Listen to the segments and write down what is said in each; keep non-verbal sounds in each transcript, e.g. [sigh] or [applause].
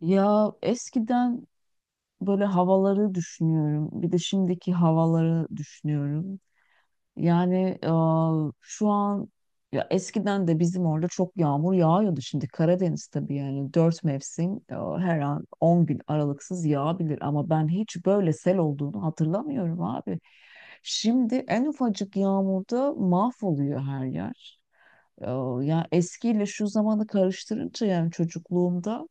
Ya eskiden böyle havaları düşünüyorum. Bir de şimdiki havaları düşünüyorum. Yani e, şu an ya eskiden de bizim orada çok yağmur yağıyordu. Şimdi Karadeniz tabii yani 4 mevsim, her an 10 gün aralıksız yağabilir. Ama ben hiç böyle sel olduğunu hatırlamıyorum abi. Şimdi en ufacık yağmurda mahvoluyor her yer. E, Ya eskiyle şu zamanı karıştırınca yani çocukluğumda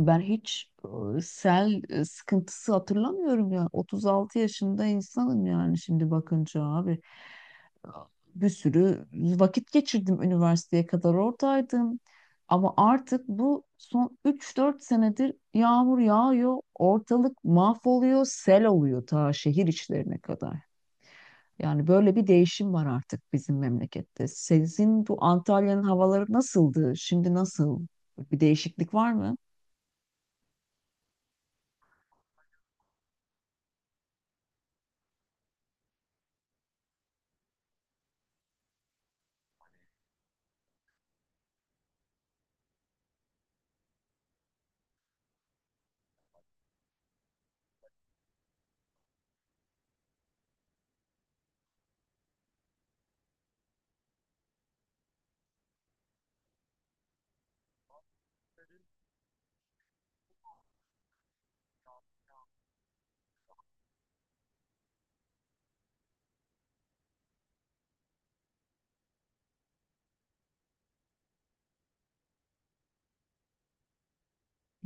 ben hiç sel sıkıntısı hatırlamıyorum ya. 36 yaşında insanım yani şimdi bakınca abi. Bir sürü vakit geçirdim, üniversiteye kadar oradaydım. Ama artık bu son 3-4 senedir yağmur yağıyor, ortalık mahvoluyor, sel oluyor ta şehir içlerine kadar. Yani böyle bir değişim var artık bizim memlekette. Sizin bu Antalya'nın havaları nasıldı? Şimdi nasıl? Bir değişiklik var mı?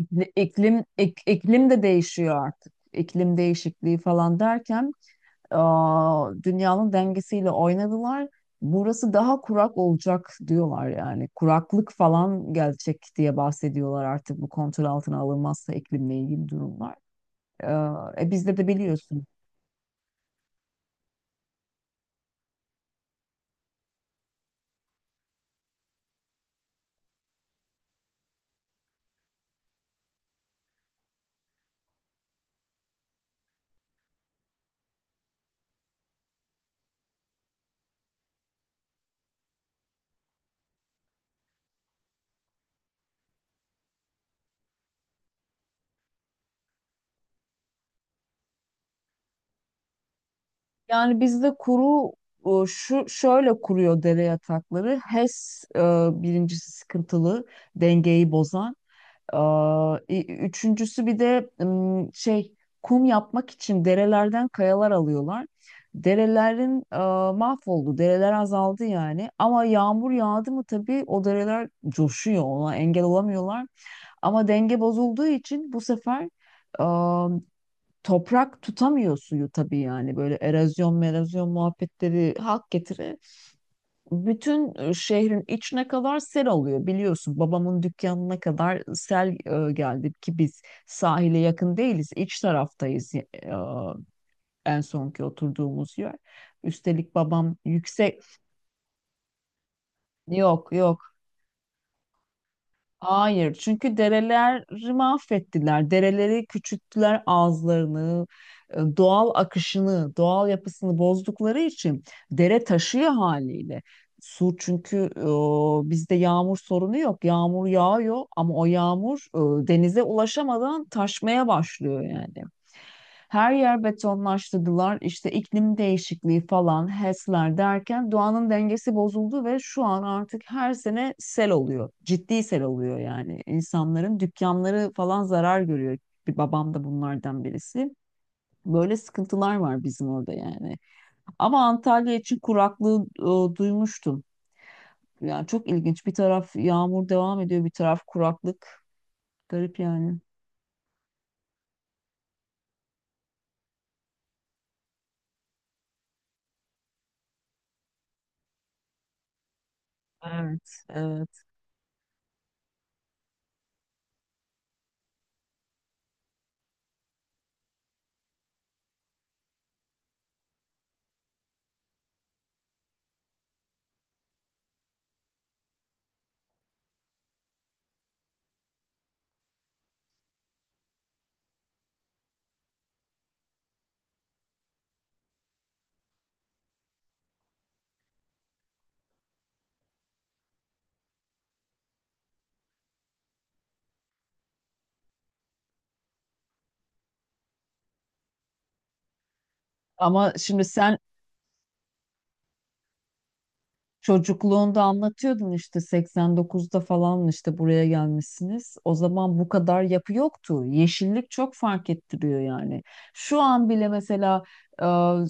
İklim, iklim de değişiyor artık. İklim değişikliği falan derken dünyanın dengesiyle oynadılar. Burası daha kurak olacak diyorlar yani. Kuraklık falan gelecek diye bahsediyorlar artık bu kontrol altına alınmazsa iklimle ilgili durumlar. Ee, Bizde de biliyorsun. Yani bizde kuru, şu şöyle kuruyor dere yatakları. HES, S, birincisi sıkıntılı dengeyi bozan. Üçüncüsü bir de şey, kum yapmak için derelerden kayalar alıyorlar. Derelerin mahvoldu, dereler azaldı yani. Ama yağmur yağdı mı tabii o dereler coşuyor, ona engel olamıyorlar. Ama denge bozulduğu için bu sefer aa, toprak tutamıyor suyu tabii, yani böyle erozyon, erozyon muhabbetleri hak getire, bütün şehrin içine kadar sel alıyor biliyorsun. Babamın dükkanına kadar sel geldi ki biz sahile yakın değiliz. İç taraftayız, en sonki oturduğumuz yer. Üstelik babam yüksek. Yok, yok, hayır, çünkü dereleri mahvettiler. Dereleri küçülttüler ağızlarını, doğal akışını, doğal yapısını bozdukları için dere taşıyor haliyle. Su çünkü, bizde yağmur sorunu yok. Yağmur yağıyor ama o yağmur denize ulaşamadan taşmaya başlıyor yani. Her yer betonlaştırdılar. İşte iklim değişikliği falan, HES'ler derken doğanın dengesi bozuldu ve şu an artık her sene sel oluyor. Ciddi sel oluyor yani. İnsanların dükkanları falan zarar görüyor. Bir babam da bunlardan birisi. Böyle sıkıntılar var bizim orada yani. Ama Antalya için kuraklığı duymuştum. Yani çok ilginç. Bir taraf yağmur devam ediyor, bir taraf kuraklık. Garip yani. Evet, evet. Ama şimdi sen, çocukluğunda anlatıyordun işte 89'da falan işte buraya gelmişsiniz. O zaman bu kadar yapı yoktu. Yeşillik çok fark ettiriyor yani. Şu an bile mesela e,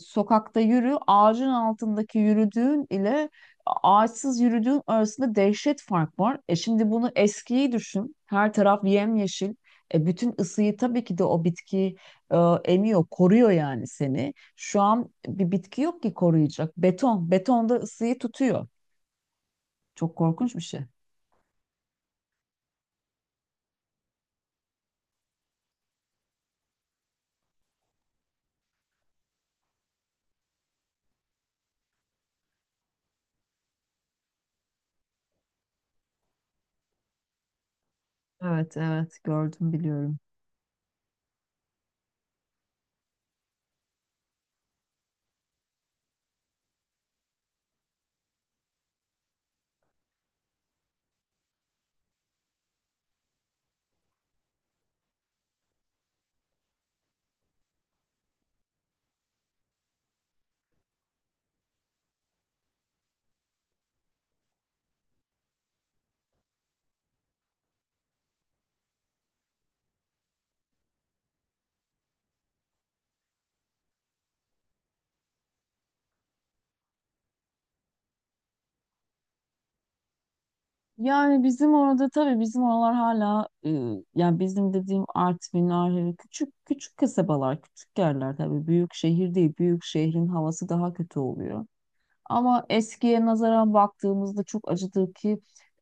sokakta yürü, ağacın altındaki yürüdüğün ile ağaçsız yürüdüğün arasında dehşet fark var. Şimdi bunu eskiyi düşün. Her taraf yemyeşil. Bütün ısıyı tabii ki de o bitki e, emiyor, koruyor yani seni. Şu an bir bitki yok ki koruyacak. Beton. Beton da ısıyı tutuyor. Çok korkunç bir şey. Evet, evet, gördüm, biliyorum. Yani bizim orada tabii bizim oralar hala, yani bizim dediğim Artvin, Ahri küçük küçük kasabalar, küçük yerler, tabii büyük şehir değil. Büyük şehrin havası daha kötü oluyor. Ama eskiye nazaran baktığımızda çok acıdır ki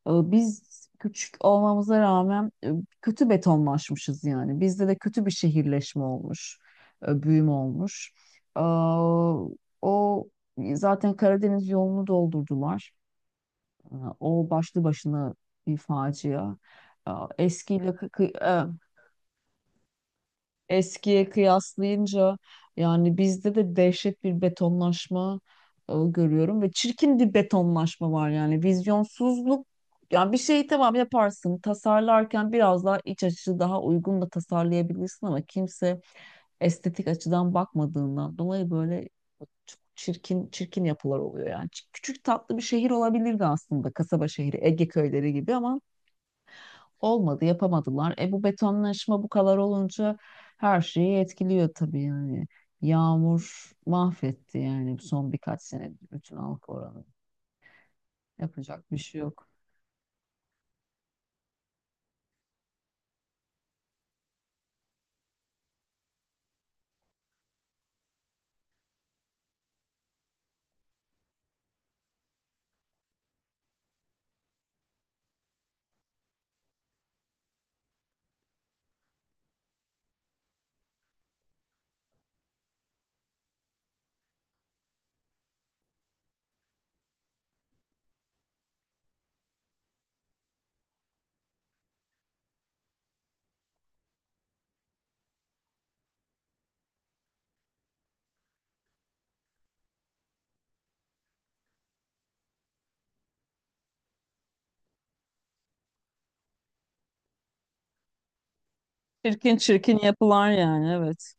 biz küçük olmamıza rağmen kötü betonlaşmışız yani. Bizde de kötü bir şehirleşme olmuş, büyüme olmuş. Aa, O zaten Karadeniz yolunu doldurdular. O başlı başına bir facia. Aa, Eskiyle kı- kı- e, Eskiye kıyaslayınca yani bizde de dehşet bir betonlaşma, görüyorum ve çirkin bir betonlaşma var, yani vizyonsuzluk. Yani bir şeyi tamam yaparsın, tasarlarken biraz daha iç açıcı, daha uygun da tasarlayabilirsin, ama kimse estetik açıdan bakmadığından dolayı böyle çok çirkin çirkin yapılar oluyor yani. Küçük tatlı bir şehir olabilirdi aslında, kasaba şehri, Ege köyleri gibi, ama olmadı, yapamadılar. Bu betonlaşma bu kadar olunca her şeyi etkiliyor tabii yani. Yağmur mahvetti yani son birkaç senedir bütün halk oranı. Yapacak bir şey yok. Çirkin çirkin yapılar yani, evet.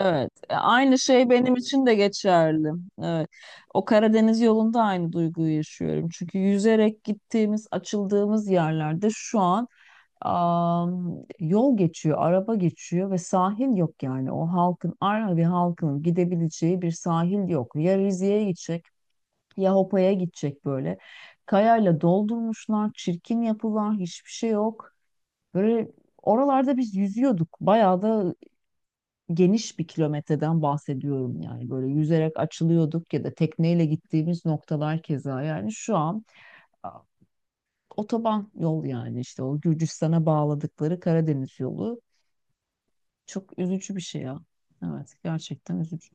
Evet, aynı şey benim için de geçerli. Evet. O Karadeniz yolunda aynı duyguyu yaşıyorum. Çünkü yüzerek gittiğimiz, açıldığımız yerlerde şu an yol geçiyor, araba geçiyor ve sahil yok yani. O halkın, Arnavut halkının gidebileceği bir sahil yok. Ya Rize'ye gidecek, ya Hopa'ya gidecek böyle. Kayayla doldurmuşlar, çirkin yapılar, hiçbir şey yok. Böyle oralarda biz yüzüyorduk. Bayağı da geniş bir kilometreden bahsediyorum yani. Böyle yüzerek açılıyorduk ya da tekneyle gittiğimiz noktalar keza. Yani şu an, a, otoban yol, yani işte o Gürcistan'a bağladıkları Karadeniz yolu. Çok üzücü bir şey ya. Evet, gerçekten üzücü.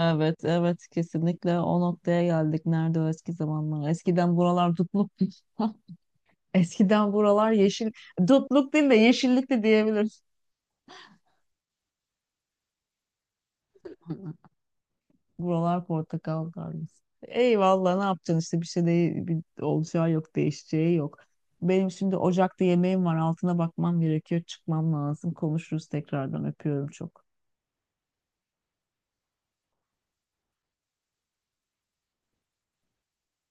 Evet, evet, kesinlikle o noktaya geldik. Nerede o eski zamanlar? Eskiden buralar dutluk. [laughs] Eskiden buralar yeşil. Dutluk değil de yeşillikti diyebiliriz. [laughs] Buralar portakal tarlası. Eyvallah, ne yapacaksın işte, bir şey değil, bir olacağı yok, değişeceği yok. Benim şimdi ocakta yemeğim var, altına bakmam gerekiyor, çıkmam lazım. Konuşuruz tekrardan, öpüyorum çok.